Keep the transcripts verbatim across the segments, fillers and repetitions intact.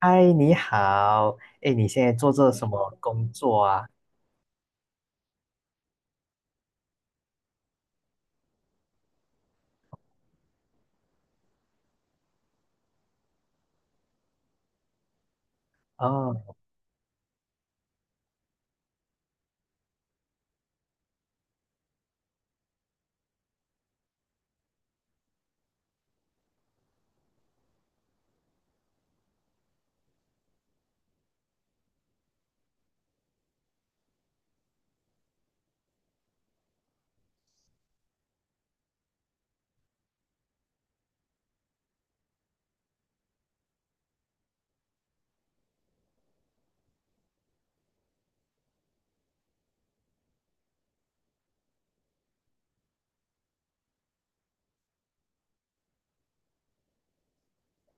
嗨，你好，哎，你现在做着什么工作啊？哦。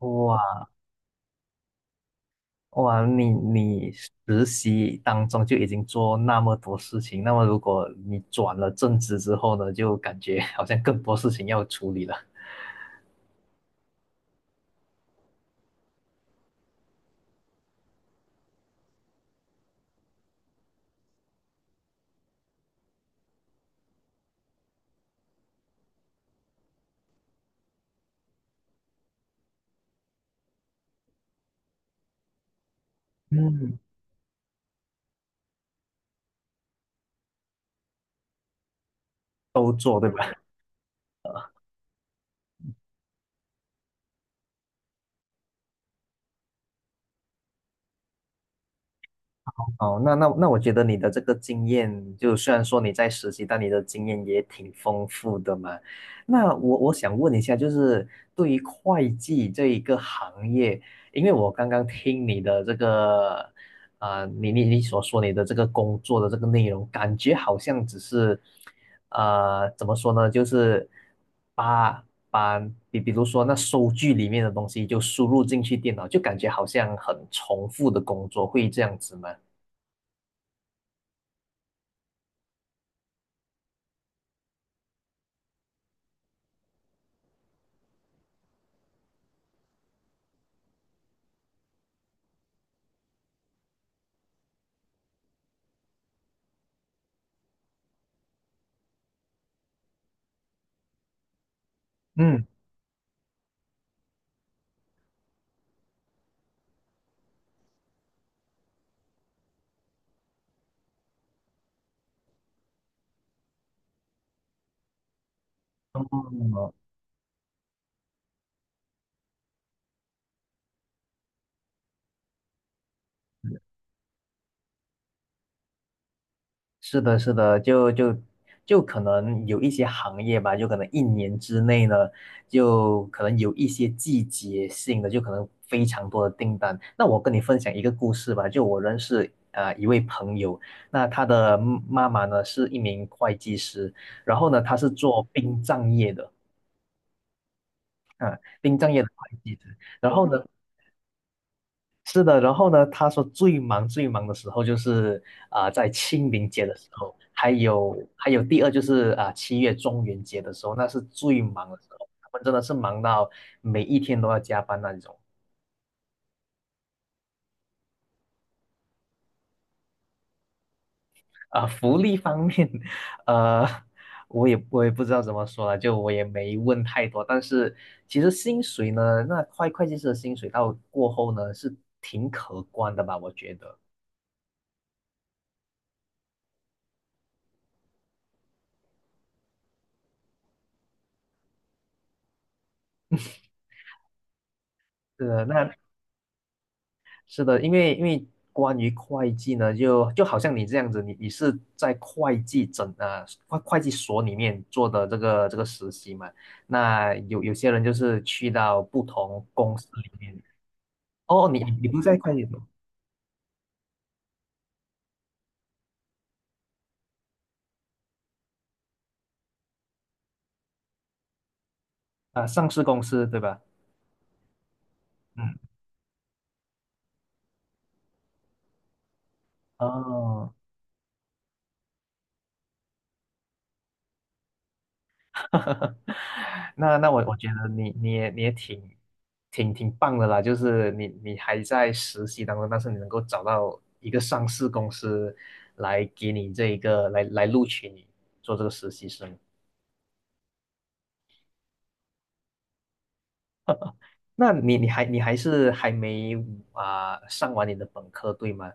哇哇，你你实习当中就已经做那么多事情，那么如果你转了正职之后呢，就感觉好像更多事情要处理了。嗯，都做对吧？哦，那那那我觉得你的这个经验，就虽然说你在实习，但你的经验也挺丰富的嘛。那我我想问一下，就是对于会计这一个行业，因为我刚刚听你的这个，啊、你你你所说你的这个工作的这个内容，感觉好像只是，呃，怎么说呢，就是把把比比如说那收据里面的东西就输入进去电脑，就感觉好像很重复的工作，会这样子吗？嗯。哦。是的，是的，就就就可能有一些行业吧，就可能一年之内呢，就可能有一些季节性的，就可能非常多的订单。那我跟你分享一个故事吧，就我认识啊、呃一位朋友，那他的妈妈呢是一名会计师，然后呢他是做殡葬业的。啊，殡葬业的会计师，然后呢。是的，然后呢，他说最忙最忙的时候就是啊、在清明节的时候，还有还有第二就是啊、七月中元节的时候，那是最忙的时候，他们真的是忙到每一天都要加班那种。啊、福利方面，呃，我也我也不知道怎么说了，就我也没问太多，但是其实薪水呢，那会会计师的薪水到过后呢是挺可观的吧，我觉得。是的。那是的，因为因为关于会计呢，就就好像你这样子，你你是在会计整呃会会计所里面做的这个这个实习嘛？那有有些人就是去到不同公司里面。哦，你你不在会计所。啊，上市公司对吧？嗯。哦。哈哈，那那我我觉得你你也你也挺挺挺棒的啦，就是你你还在实习当中，但是你能够找到一个上市公司来给你这一个来来录取你做这个实习生。那你你还你还是还没啊、上完你的本科对吗？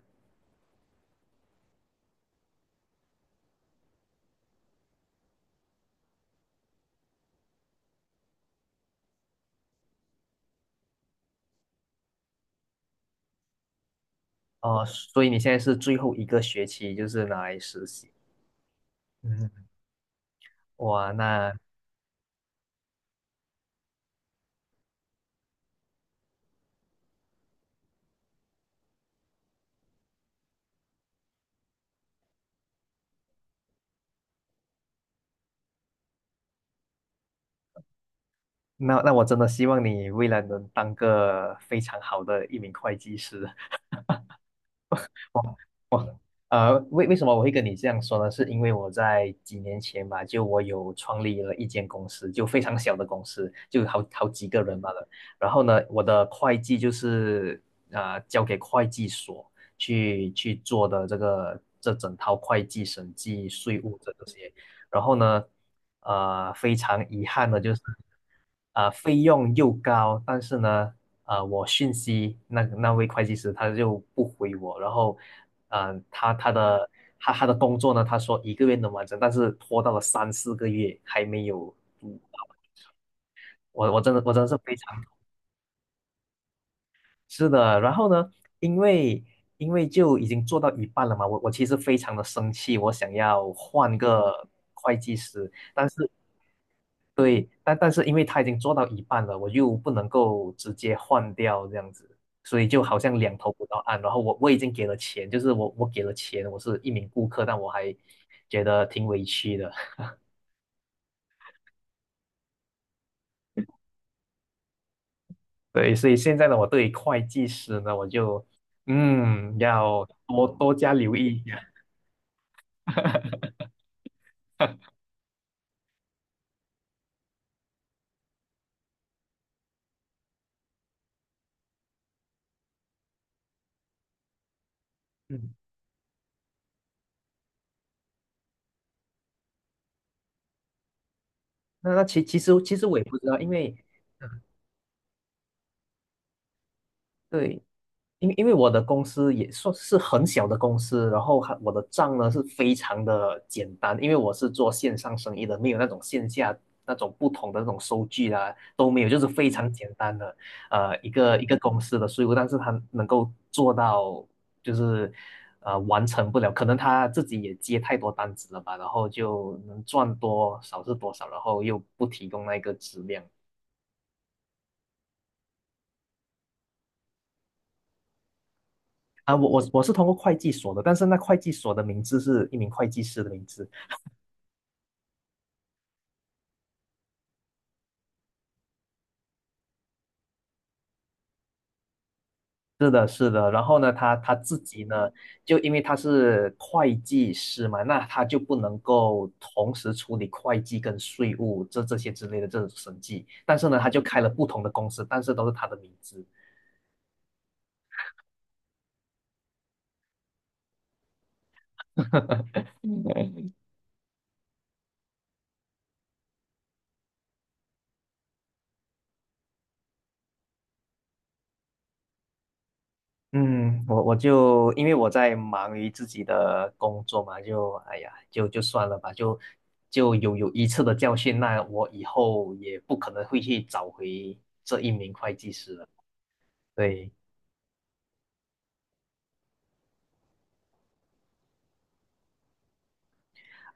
哦、所以你现在是最后一个学期就是拿来实习。嗯。哇，那那那我真的希望你未来能当个非常好的一名会计师。我我呃，为为什么我会跟你这样说呢？是因为我在几年前吧，就我有创立了一间公司，就非常小的公司，就好好几个人罢了。然后呢，我的会计就是啊，交给会计所去去做的这个这整套会计、审计、税务这这些。然后呢，呃，非常遗憾的就是。啊、费用又高，但是呢，啊、我讯息那那位会计师他就不回我，然后，嗯、他他的他他的工作呢，他说一个月能完成，但是拖到了三四个月还没有。嗯我我真的，我真的是非常。是的，然后呢，因为因为就已经做到一半了嘛，我我其实非常的生气，我想要换个会计师，但是。对，但但是因为他已经做到一半了，我又不能够直接换掉这样子，所以就好像两头不到岸。然后我我已经给了钱，就是我我给了钱，我是一名顾客，但我还觉得挺委屈的。对，所以现在呢，我对于会计师呢，我就嗯要多多加留意一下。嗯，那那其其实其实我也不知道，因为嗯对，因为因为我的公司也算是很小的公司，然后还我的账呢是非常的简单，因为我是做线上生意的，没有那种线下那种不同的那种收据啦、都没有，就是非常简单的呃一个一个公司的税务，但是他能够做到就是呃完成不了，可能他自己也接太多单子了吧，然后就能赚多少是多少，然后又不提供那个质量。啊，我我我是通过会计所的，但是那会计所的名字是一名会计师的名字。是的，是的。然后呢，他他自己呢，就因为他是会计师嘛，那他就不能够同时处理会计跟税务这这些之类的这种审计。但是呢，他就开了不同的公司，但是都是他的名字。嗯，嗯，我我就因为我在忙于自己的工作嘛，就哎呀，就就算了吧，就就有有一次的教训，那我以后也不可能会去找回这一名会计师了。对。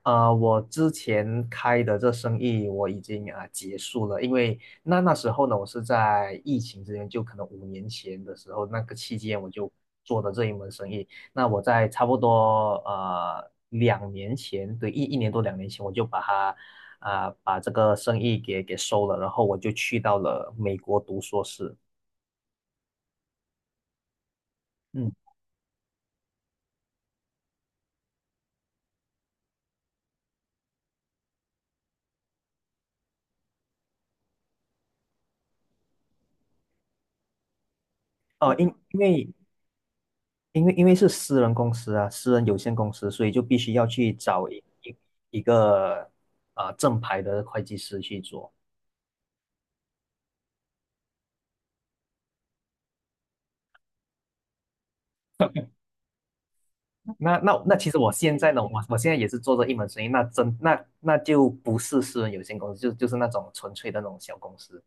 啊、我之前开的这生意我已经啊、结束了，因为那那时候呢，我是在疫情之前，就可能五年前的时候，那个期间我就做的这一门生意。那我在差不多呃两年前，对，一一年多两年前，我就把它啊、把这个生意给给收了，然后我就去到了美国读硕士。嗯。哦、因因为因为因为是私人公司啊，私人有限公司，所以就必须要去找一一一个呃正牌的会计师去做。那那那其实我现在呢，我我现在也是做这一门生意，那真那那就不是私人有限公司，就就是那种纯粹的那种小公司。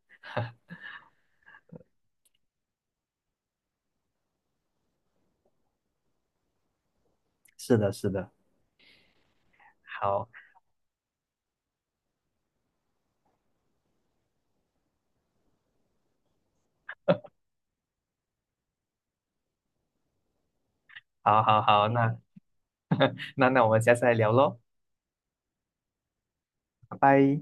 是的，是的，好，好，好，好，那那那我们下次再聊喽，拜拜。